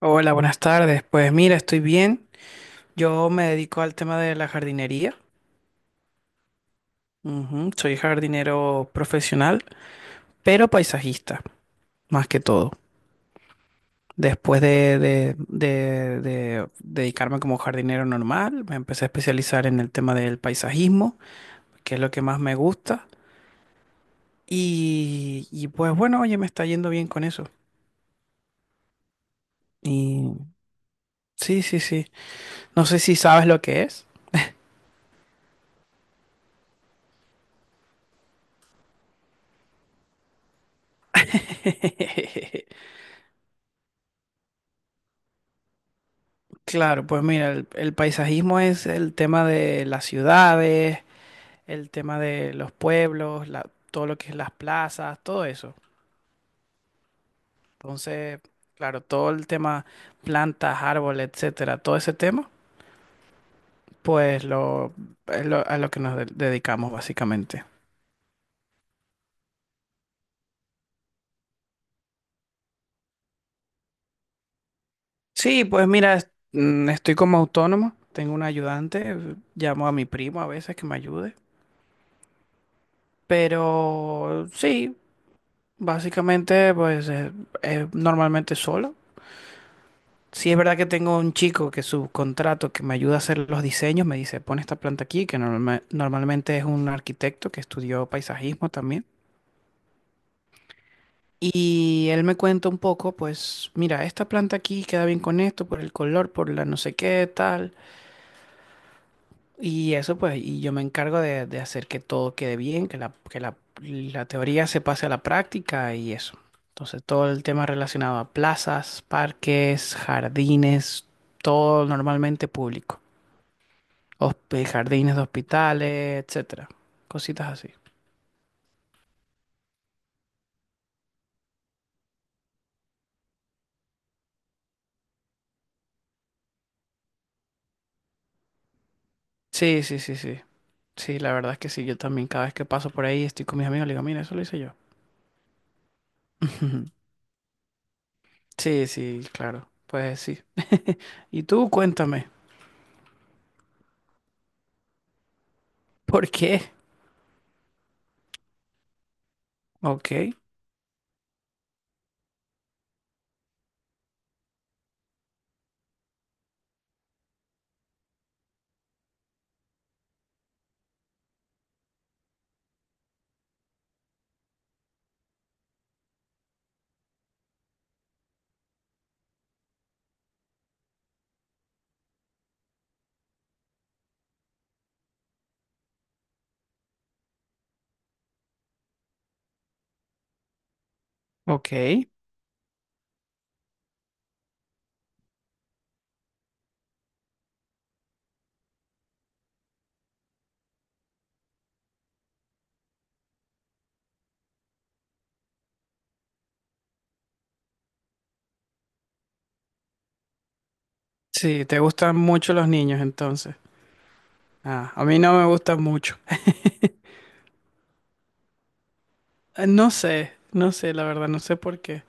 Hola, buenas tardes. Pues mira, estoy bien. Yo me dedico al tema de la jardinería. Ujú, soy jardinero profesional, pero paisajista, más que todo. Después de dedicarme como jardinero normal, me empecé a especializar en el tema del paisajismo, que es lo que más me gusta. Y pues bueno, oye, me está yendo bien con eso. Y sí, sí, sí. No sé si sabes lo que es. Claro, pues mira, el paisajismo es el tema de las ciudades, el tema de los pueblos, todo lo que es las plazas, todo eso. Entonces, claro, todo el tema plantas, árboles, etcétera, todo ese tema, pues lo, es a lo que nos dedicamos básicamente. Sí, pues mira, estoy como autónomo, tengo un ayudante, llamo a mi primo a veces que me ayude, pero sí, básicamente pues normalmente solo. Sí, es verdad que tengo un chico que subcontrato que me ayuda a hacer los diseños, me dice, pon esta planta aquí, que normalmente es un arquitecto que estudió paisajismo también. Y él me cuenta un poco, pues, mira, esta planta aquí queda bien con esto, por el color, por la no sé qué, tal. Y eso, pues, y yo me encargo de hacer que todo quede bien, la teoría se pase a la práctica y eso. Entonces, todo el tema relacionado a plazas, parques, jardines, todo normalmente público. Jardines de hospitales, etcétera. Cositas así. Sí, sí, sí, sí. Sí, la verdad es que sí. Yo también cada vez que paso por ahí estoy con mis amigos, le digo, mira, eso lo hice yo. Sí, sí, claro. Pues sí. Y tú cuéntame, ¿por qué? Ok, ok. Sí, te gustan mucho los niños entonces. Ah, a mí no me gustan mucho. No sé, no sé, la verdad, no sé por qué.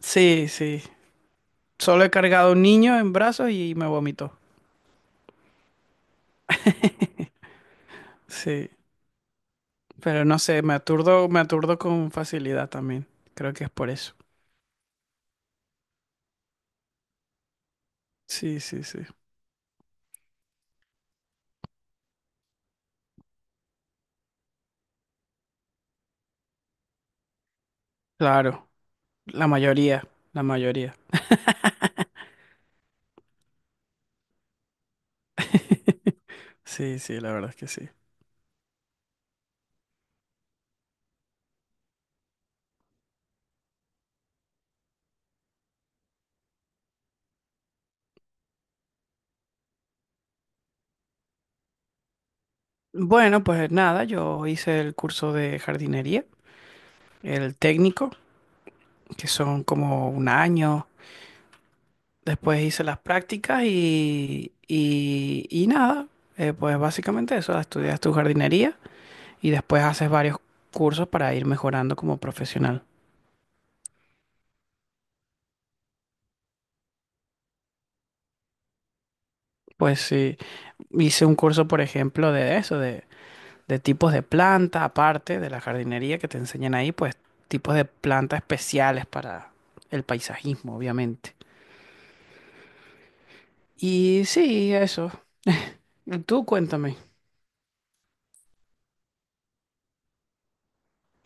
Sí, sí. Solo he cargado un niño en brazos y me vomitó. Sí. Pero no sé, me aturdo con facilidad también. Creo que es por eso. Sí, sí, sí. Claro, la mayoría, la mayoría. Sí, sí, la verdad es que sí. Bueno, pues nada, yo hice el curso de jardinería, el técnico, que son como un año. Después hice las prácticas y nada, pues básicamente eso, estudias tu jardinería y después haces varios cursos para ir mejorando como profesional. Pues sí, hice un curso, por ejemplo, de eso, de tipos de plantas, aparte de la jardinería que te enseñan ahí, pues tipos de plantas especiales para el paisajismo, obviamente. Y sí, eso. Y tú cuéntame.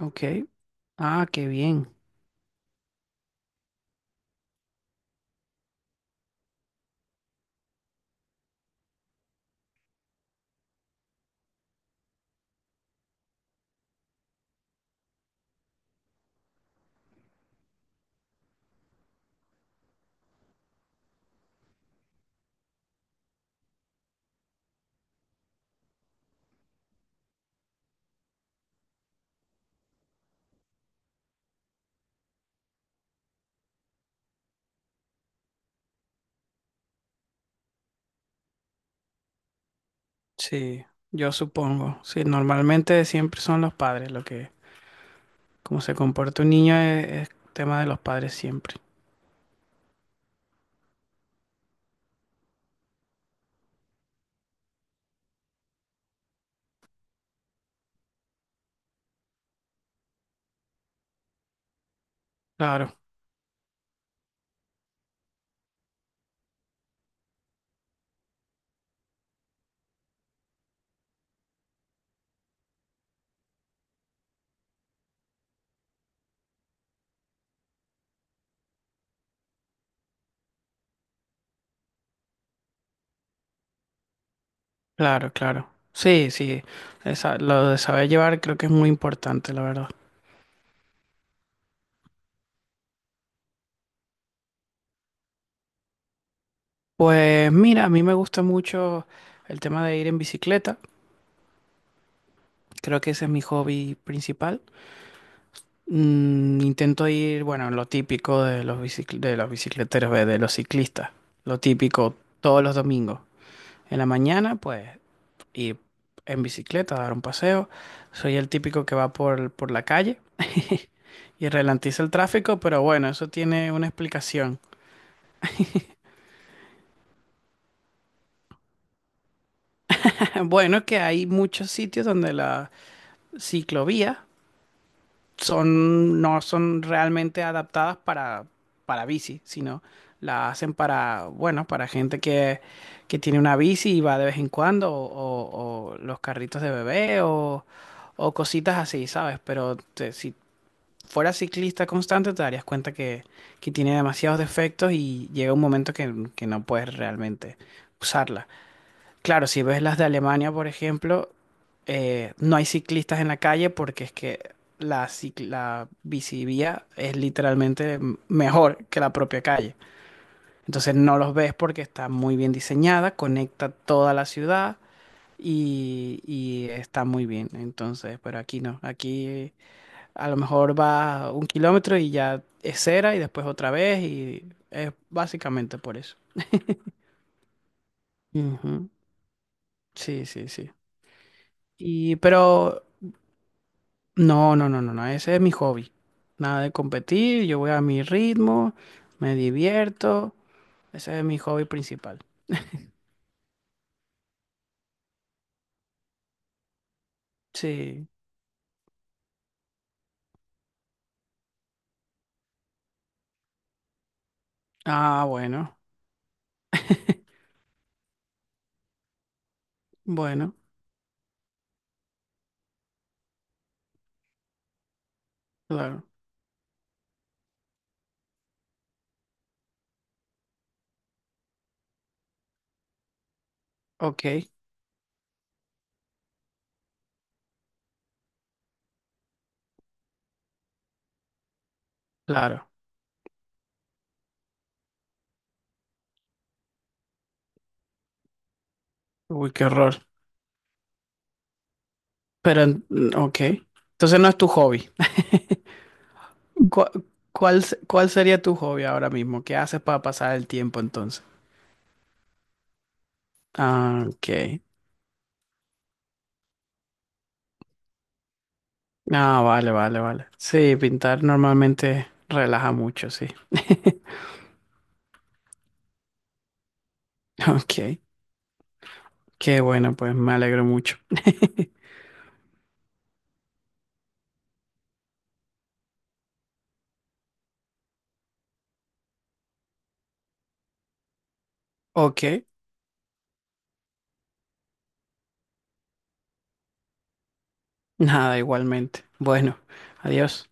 Ok. Ah, qué bien. Sí, yo supongo. Sí, normalmente siempre son los padres lo que, como se comporta un niño es tema de los padres siempre. Claro, claro, claro. Sí, sí. Lo de saber llevar creo que es muy importante, la verdad. Pues mira, a mí me gusta mucho el tema de ir en bicicleta. Creo que ese es mi hobby principal. Intento ir, bueno, lo típico de los de los bicicleteros, ve, de los ciclistas. Lo típico todos los domingos. En la mañana, pues ir en bicicleta, dar un paseo. Soy el típico que va por la calle y ralentiza el tráfico, pero bueno, eso tiene una explicación. Bueno, que hay muchos sitios donde la ciclovía son, no son realmente adaptadas para bici, sino la hacen para, bueno, para gente que tiene una bici y va de vez en cuando, o, o los carritos de bebé, o cositas así, ¿sabes? Pero si fueras ciclista constante, te darías cuenta que tiene demasiados defectos y llega un momento que no puedes realmente usarla. Claro, si ves las de Alemania, por ejemplo, no hay ciclistas en la calle porque es que la, la bicivía es literalmente mejor que la propia calle. Entonces no los ves porque está muy bien diseñada, conecta toda la ciudad y está muy bien. Entonces, pero aquí no. Aquí a lo mejor va un kilómetro y ya es cera y después otra vez y es básicamente por eso. Ujú. Sí, sí, sí. Pero no, no, no, no, no, ese es mi hobby. Nada de competir, yo voy a mi ritmo, me divierto, ese es mi hobby principal. Sí. Ah, bueno. Bueno, claro. Ok, claro. Uy, qué horror. Pero, ok. Entonces no es tu hobby. ¿Cuál, cuál, cuál sería tu hobby ahora mismo? ¿Qué haces para pasar el tiempo entonces? Ah, ok. Ah, vale, vale, vale. Sí, pintar normalmente relaja mucho, sí. Ok. Qué bueno, pues me alegro mucho. Ok, nada, igualmente. Bueno, adiós.